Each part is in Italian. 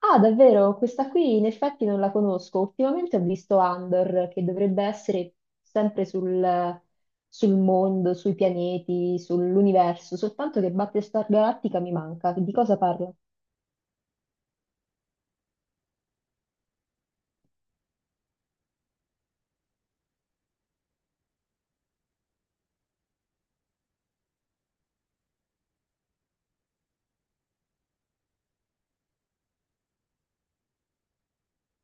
Ah, davvero? Questa qui in effetti non la conosco. Ultimamente ho visto Andor, che dovrebbe essere sempre sul mondo, sui pianeti, sull'universo, soltanto che Battlestar Galactica mi manca. Di cosa parla?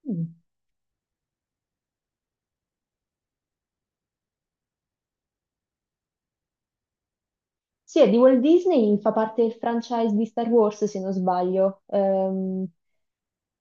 Mm. Sì, è di Walt Disney, fa parte del franchise di Star Wars, se non sbaglio.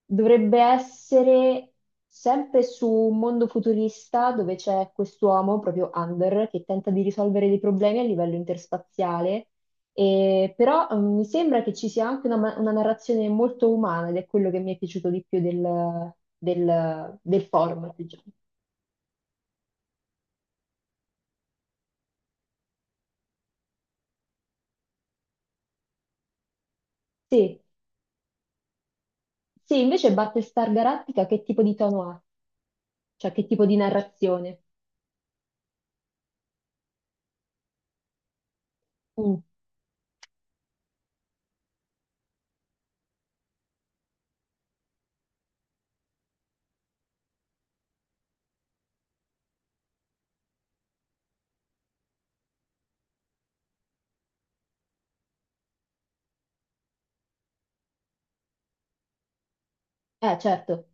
Dovrebbe essere sempre su un mondo futurista dove c'è quest'uomo, proprio Under, che tenta di risolvere dei problemi a livello interspaziale. E, però mi sembra che ci sia anche una, una narrazione molto umana ed è quello che mi è piaciuto di più del format, diciamo. Sì. Sì, invece Battlestar Galactica che tipo di tono ha? Cioè che tipo di narrazione? Mm. Certo,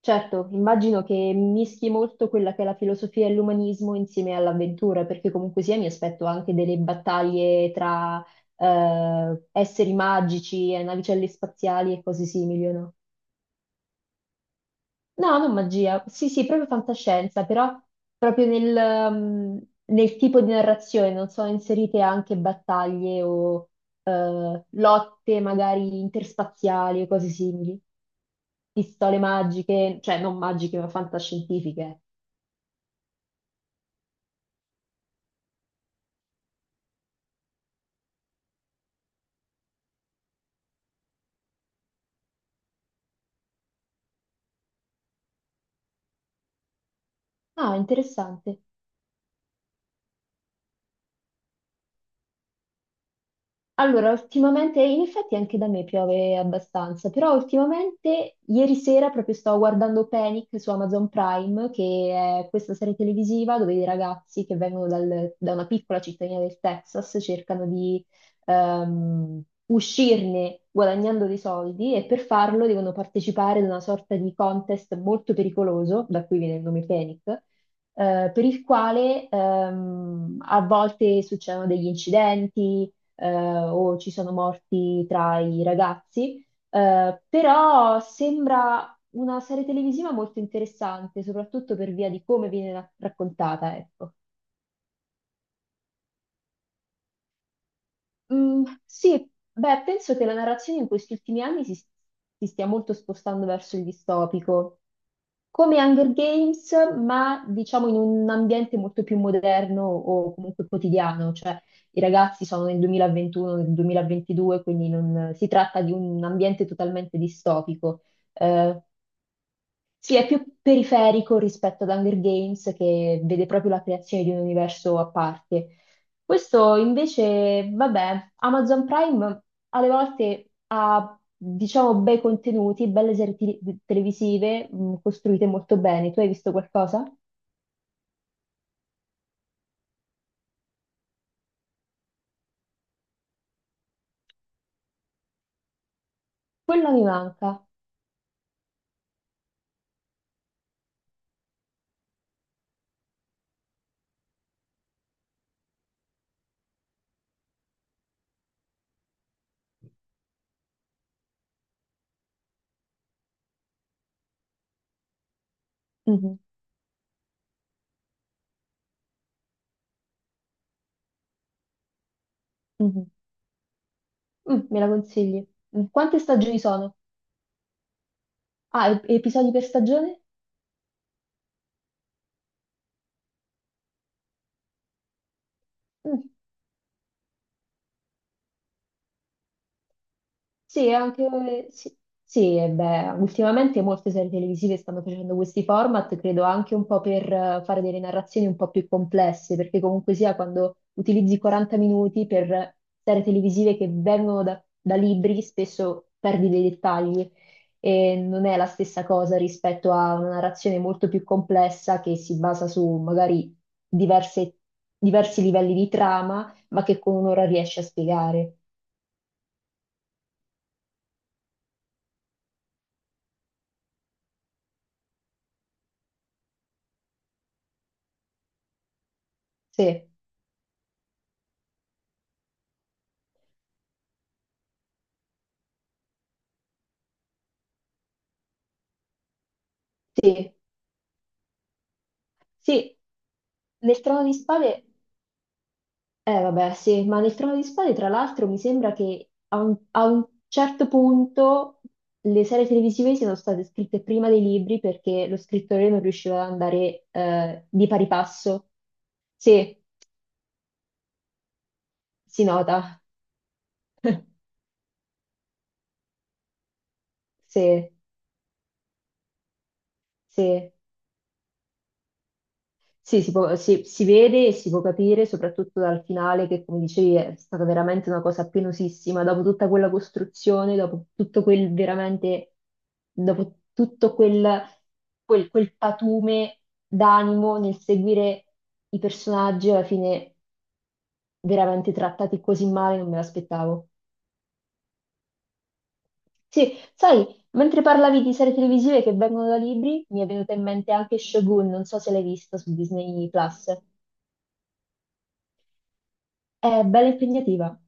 certo, immagino che mischi molto quella che è la filosofia e l'umanismo insieme all'avventura, perché comunque sia mi aspetto anche delle battaglie tra esseri magici e navicelle spaziali e cose simili, o no? No, non magia, sì, sì, proprio fantascienza, però proprio nel, mm, nel tipo di narrazione non sono inserite anche battaglie o lotte magari interspaziali o cose simili. Pistole magiche, cioè non magiche, ma fantascientifiche. Ah, interessante. Allora, ultimamente, in effetti anche da me piove abbastanza, però ultimamente, ieri sera proprio stavo guardando Panic su Amazon Prime, che è questa serie televisiva dove i ragazzi che vengono da una piccola cittadina del Texas cercano di uscirne guadagnando dei soldi e per farlo devono partecipare ad una sorta di contest molto pericoloso, da cui viene il nome Panic, per il quale a volte succedono degli incidenti, eh, o ci sono morti tra i ragazzi. Però sembra una serie televisiva molto interessante, soprattutto per via di come viene raccontata, ecco. Mm, sì, beh, penso che la narrazione in questi ultimi anni si stia molto spostando verso il distopico. Come Hunger Games, ma diciamo in un ambiente molto più moderno o comunque quotidiano, cioè i ragazzi sono nel 2021, nel 2022, quindi non si tratta di un ambiente totalmente distopico. Eh, sì, è più periferico rispetto ad Hunger Games che vede proprio la creazione di un universo a parte. Questo invece, vabbè, Amazon Prime alle volte ha, diciamo, bei contenuti, belle serie televisive, costruite molto bene. Tu hai visto qualcosa? Quella mi manca. Mhm, mhm. Mm, me la consigli? Mm, quante stagioni sono? Ah, episodi per stagione? Mm, sì, anche, sì, sì, e beh, ultimamente molte serie televisive stanno facendo questi format, credo anche un po' per fare delle narrazioni un po' più complesse, perché comunque sia quando utilizzi 40 minuti per serie televisive che vengono da libri, spesso perdi dei dettagli e non è la stessa cosa rispetto a una narrazione molto più complessa che si basa su magari diverse- diversi livelli di trama, ma che con un'ora riesci a spiegare. Sì. Sì, sì, nel Trono di Spade, eh vabbè, sì, ma nel Trono di Spade, tra l'altro, mi sembra che a un certo punto le serie televisive siano state scritte prima dei libri perché lo scrittore non riusciva ad andare di pari passo. Sì, si nota. Sì, sì. Sì, si vede e si può capire, soprattutto dal finale, che come dicevi è stata veramente una cosa penosissima, dopo tutta quella costruzione, dopo tutto quel veramente, dopo tutto quel, quel patume d'animo nel seguire i personaggi, alla fine veramente trattati così male, non me l'aspettavo. Sì, sai, mentre parlavi di serie televisive che vengono da libri, mi è venuta in mente anche Shogun, non so se l'hai vista su Disney Plus. È bella impegnativa.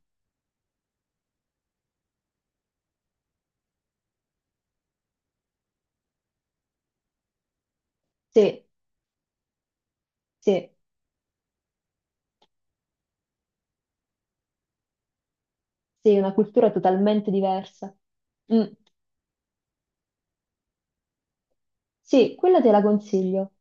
Sì, sì, sì, una cultura totalmente diversa. Mm. Sì, quella te la consiglio.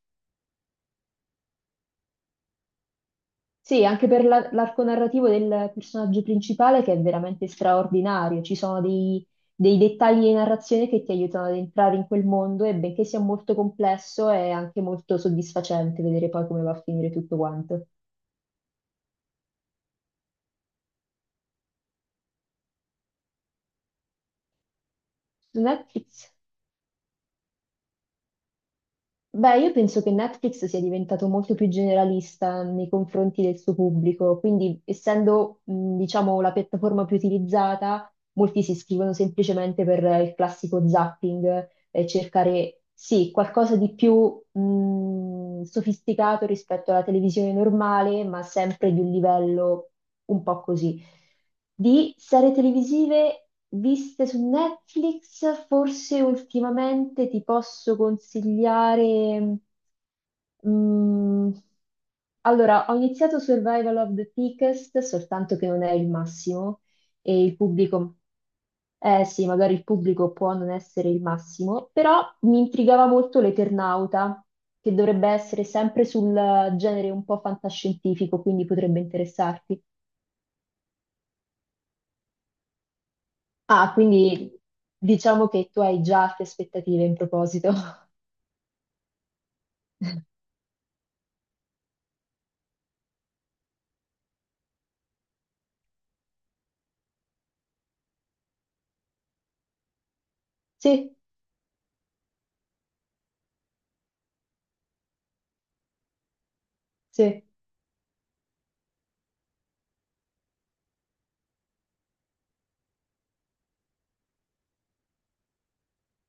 Sì, anche per l'arco narrativo del personaggio principale che è veramente straordinario. Ci sono dei dettagli di narrazione che ti aiutano ad entrare in quel mondo e benché sia molto complesso è anche molto soddisfacente vedere poi come va a finire tutto quanto. Su Netflix? Beh, io penso che Netflix sia diventato molto più generalista nei confronti del suo pubblico, quindi essendo, diciamo, la piattaforma più utilizzata molti si iscrivono semplicemente per il classico zapping e cercare, sì, qualcosa di più sofisticato rispetto alla televisione normale, ma sempre di un livello un po' così. Di serie televisive viste su Netflix, forse ultimamente ti posso consigliare. Mm, allora, ho iniziato Survival of the Thickest, soltanto che non è il massimo e il pubblico, eh sì, magari il pubblico può non essere il massimo, però mi intrigava molto l'Eternauta, che dovrebbe essere sempre sul genere un po' fantascientifico, quindi potrebbe interessarti. Ah, quindi diciamo che tu hai già altre aspettative in proposito. Sì, sì.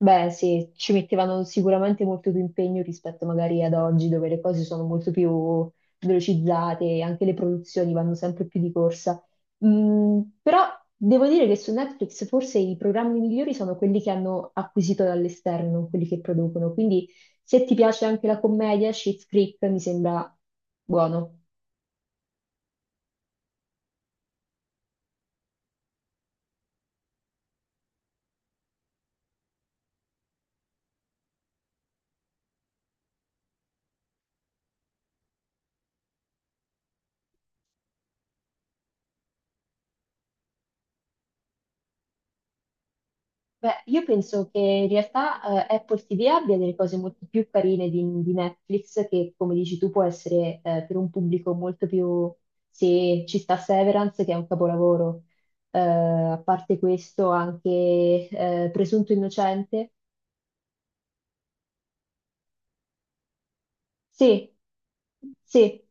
Beh, sì, ci mettevano sicuramente molto più impegno rispetto magari ad oggi, dove le cose sono molto più velocizzate e anche le produzioni vanno sempre più di corsa. Mm, però devo dire che su Netflix forse i programmi migliori sono quelli che hanno acquisito dall'esterno, non quelli che producono. Quindi se ti piace anche la commedia, Schitt's Creek mi sembra buono. Beh, io penso che in realtà Apple TV abbia delle cose molto più carine di Netflix, che come dici tu può essere per un pubblico molto più... Se ci sta Severance, che è un capolavoro, a parte questo anche Presunto Innocente. Sì, sì.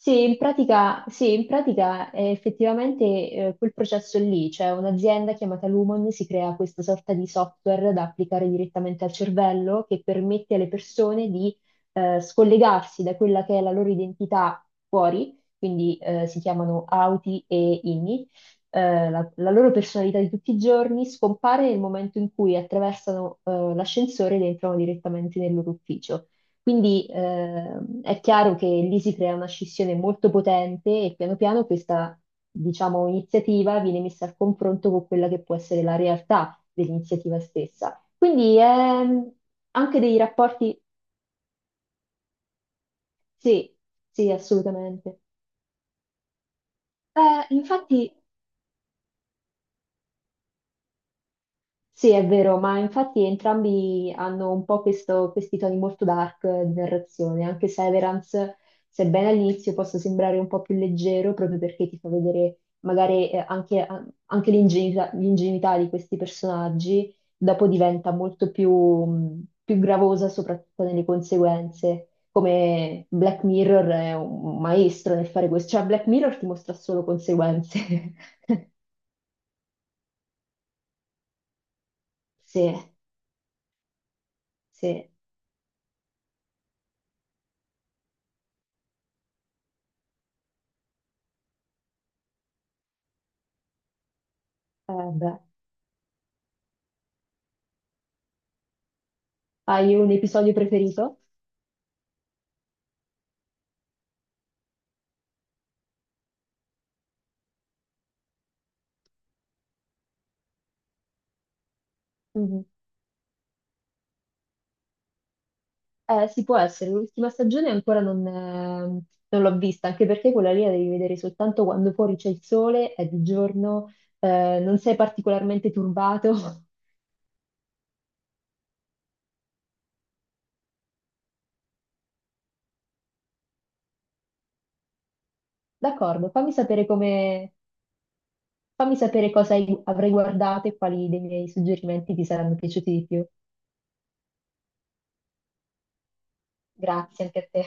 Sì, in pratica effettivamente quel processo lì, cioè un'azienda chiamata Lumon si crea questa sorta di software da applicare direttamente al cervello che permette alle persone di scollegarsi da quella che è la loro identità fuori, quindi si chiamano auti e inni. La loro personalità di tutti i giorni scompare nel momento in cui attraversano l'ascensore ed entrano direttamente nel loro ufficio. Quindi è chiaro che lì si crea una scissione molto potente e piano piano questa, diciamo, iniziativa viene messa al confronto con quella che può essere la realtà dell'iniziativa stessa. Quindi anche dei rapporti, sì, sì, assolutamente. Infatti sì, è vero, ma infatti entrambi hanno un po' questi toni molto dark di narrazione, anche se Severance, sebbene all'inizio possa sembrare un po' più leggero, proprio perché ti fa vedere magari anche, anche l'ingenuità di questi personaggi, dopo diventa molto più, più gravosa, soprattutto nelle conseguenze. Come Black Mirror è un maestro nel fare questo, cioè Black Mirror ti mostra solo conseguenze. Sì, sì, beh. Hai un episodio preferito? Mhm. Sì, può essere. L'ultima stagione ancora non l'ho vista, anche perché quella lì la devi vedere soltanto quando fuori c'è il sole, è di giorno, non sei particolarmente turbato. D'accordo, fammi sapere come, fammi sapere cosa avrai guardato e quali dei miei suggerimenti ti saranno piaciuti di più. Grazie anche a te.